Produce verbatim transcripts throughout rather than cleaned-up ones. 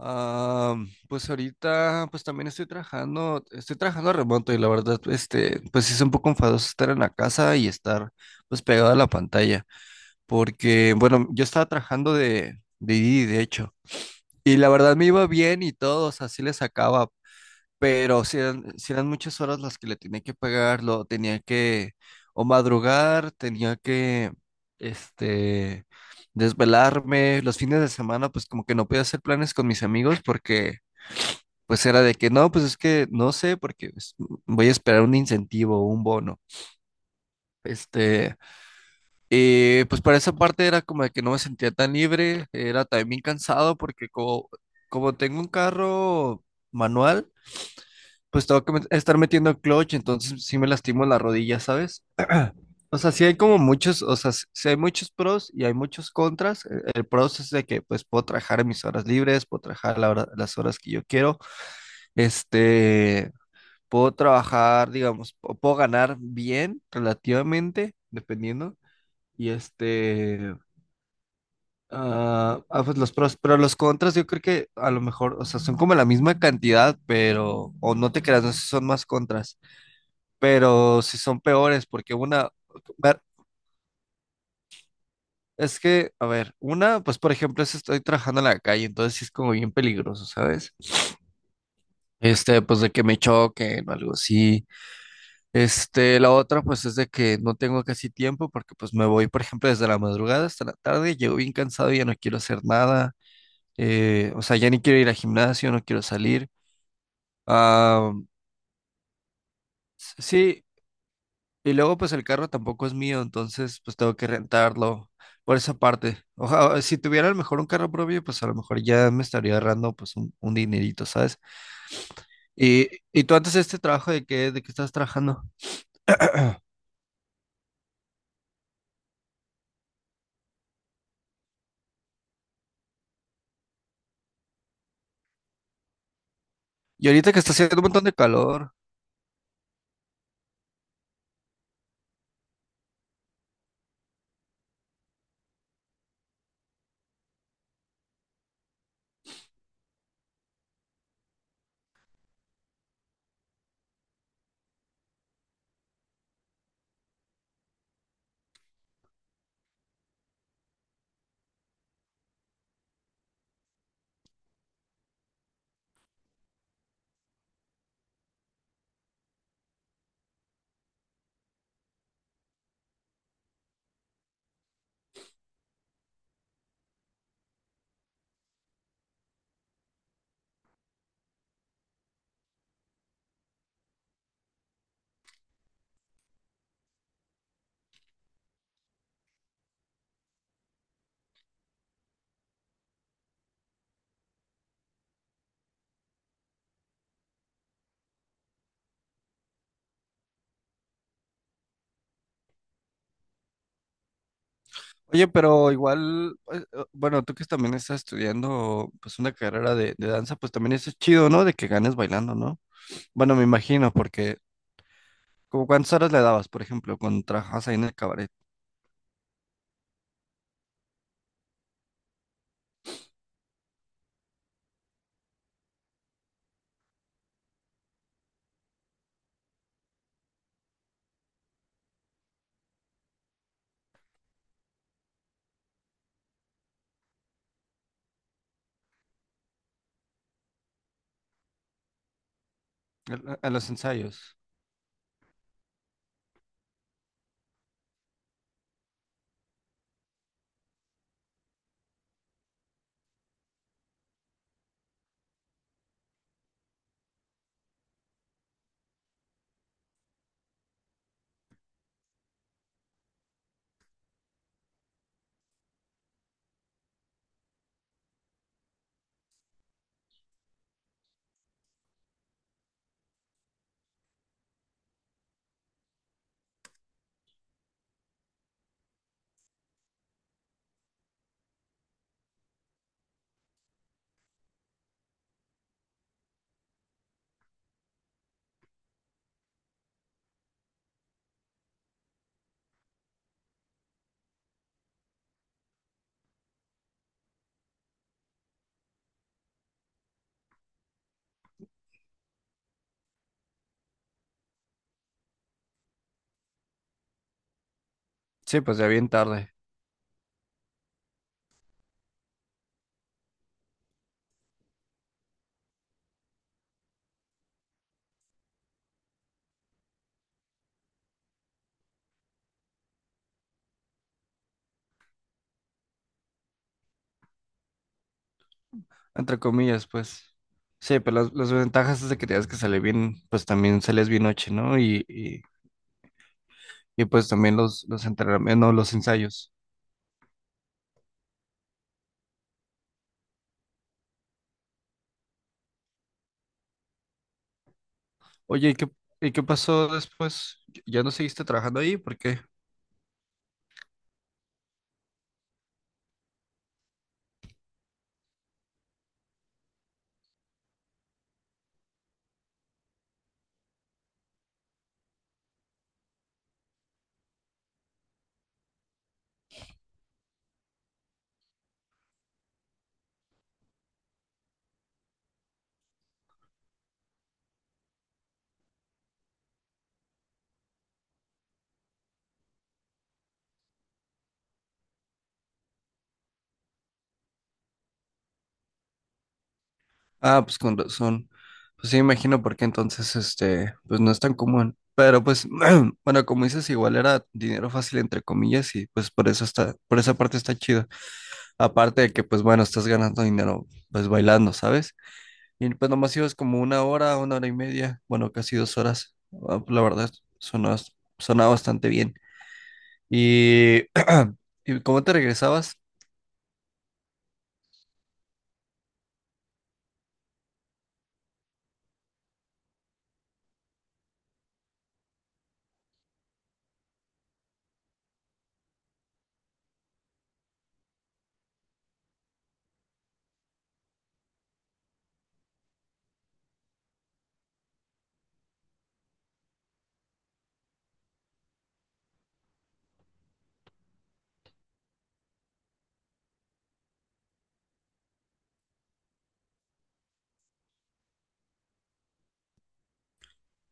Ah, pues ahorita, pues también estoy trabajando, estoy trabajando remoto y la verdad, este, pues sí es un poco enfadoso estar en la casa y estar, pues pegado a la pantalla, porque, bueno, yo estaba trabajando de, de Didi, de hecho, y la verdad me iba bien y todo, o sea, sí le sacaba, pero si eran, sí eran muchas horas las que le tenía que pagar, lo tenía que, o madrugar, tenía que, este, desvelarme, los fines de semana, pues como que no podía hacer planes con mis amigos porque pues era de que no, pues es que no sé, porque pues, voy a esperar un incentivo o un bono. Este, y pues para esa parte era como de que no me sentía tan libre, era también cansado porque como, como tengo un carro manual, pues tengo que met- estar metiendo clutch, entonces sí me lastimo la rodilla, ¿sabes? O sea, sí hay como muchos, o sea, sí hay muchos pros y hay muchos contras. El, el pros es de que pues puedo trabajar en mis horas libres, puedo trabajar la hora- las horas que yo quiero. Este, Puedo trabajar, digamos, o puedo ganar bien, relativamente, dependiendo. Y este, ah, ah, pues los pros, pero los contras yo creo que a lo mejor, o sea, son como la misma cantidad, pero, o no te creas, no sé si son más contras, pero si son peores, porque una, ver, es que, a ver, una, pues por ejemplo, es estoy trabajando en la calle, entonces sí es como bien peligroso, ¿sabes? Este, pues de que me choquen o algo así. Este, la otra pues es de que no tengo casi tiempo porque pues me voy, por ejemplo, desde la madrugada hasta la tarde, llego bien cansado, ya no quiero hacer nada, eh, o sea, ya ni quiero ir al gimnasio, no quiero salir. Ah, s- sí, y luego pues el carro tampoco es mío, entonces pues tengo que rentarlo por esa parte. Ojalá, si tuviera a lo mejor un carro propio, pues a lo mejor ya me estaría ahorrando pues un, un dinerito, ¿sabes? Y, y tú antes de este trabajo, ¿de qué, ¿de qué estás trabajando? Y ahorita que está haciendo un montón de calor. Oye, pero igual, pues, eh, bueno, tú que también estás estudiando pues una carrera de, de danza, pues también eso es chido, ¿no? De que ganes bailando, ¿no? Bueno, me imagino, porque como cuántas horas le dabas, por ejemplo, cuando trabajabas ahí en el cabaret, a, a los ensayos. Sí, pues ya bien tarde, entre comillas, pues. Sí, pero las, las ventajas es de que tienes que salir bien, pues también sales bien noche, ¿no? Y, y, y, pues también los, los entrenamientos, no, los ensayos. Oye, ¿y qué, ¿y qué pasó después? ¿Ya no seguiste trabajando ahí? ¿Por qué? Ah, pues con razón. Pues sí, imagino porque entonces, este, pues no es tan común. Pero pues, bueno, como dices, igual era dinero fácil entre comillas y pues por eso está, por esa parte está chido. Aparte de que pues bueno, estás ganando dinero pues bailando, ¿sabes? Y pues nomás ibas como una hora, una hora y media, bueno, casi dos horas. Ah, pues, La verdad, sonó, sonaba bastante bien. Y, ¿Y cómo te regresabas?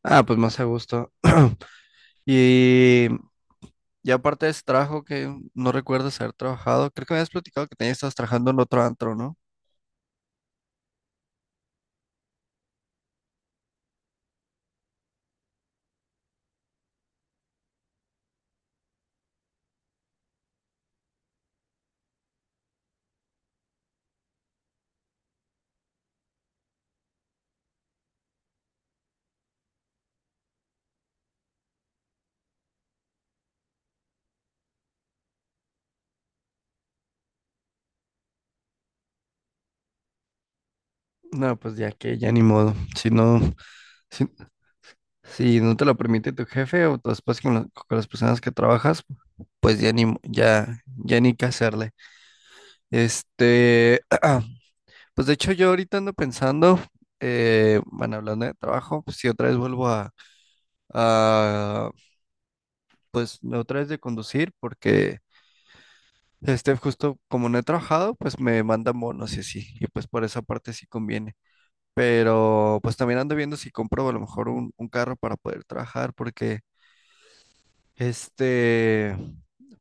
Ah, pues más a gusto. Y Y aparte de ese trabajo que no recuerdas haber trabajado, creo que me habías platicado que tenías, estabas trabajando en otro antro, ¿no? No, pues ya que, ya ni modo. Si no, si, si no te lo permite tu jefe o tu esposa con, la- con las personas que trabajas, pues ya ni, mo- ya, ya ni qué hacerle. Este, pues de hecho yo ahorita ando pensando, eh, bueno, hablando de trabajo, pues si otra vez vuelvo a, a, pues otra vez de conducir. Porque Este, justo como no he trabajado, pues me mandan bonos y así, y pues por esa parte sí conviene. Pero pues también ando viendo si compro a lo mejor un, un carro para poder trabajar, porque este,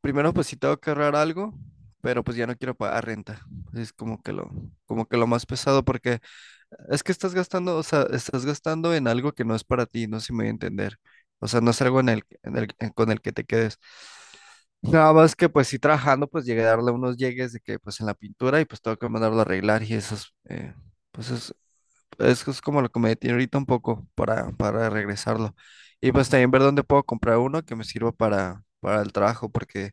primero pues sí tengo que ahorrar algo, pero pues ya no quiero pagar renta. Es como que lo, como que lo más pesado, porque es que estás gastando, o sea, estás gastando en algo que no es para ti, no sé si me voy a entender. O sea, no es algo en el, en el- en- con el que te quedes. Nada más que pues sí trabajando, pues llegué a darle unos llegues de que pues en la pintura y pues tengo que mandarlo a arreglar y eso es, eh, pues es, es, es como lo que me detiene ahorita un poco para, para regresarlo. Y pues también ver dónde puedo comprar uno que me sirva para, para el trabajo, porque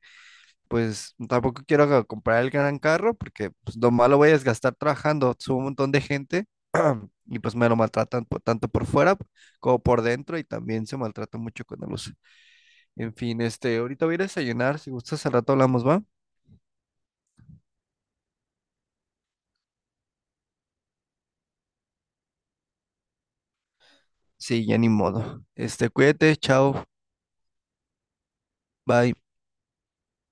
pues tampoco quiero ga- comprar el gran carro, porque pues, lo malo voy a es gastar trabajando, subo un montón de gente y pues me lo maltratan por- tanto por fuera como por dentro y también se maltrata mucho con la luz. En fin, este, ahorita voy a ir a desayunar, si gustas al rato hablamos, ¿va? Sí, ya ni modo. Este, cuídate, chao, bye.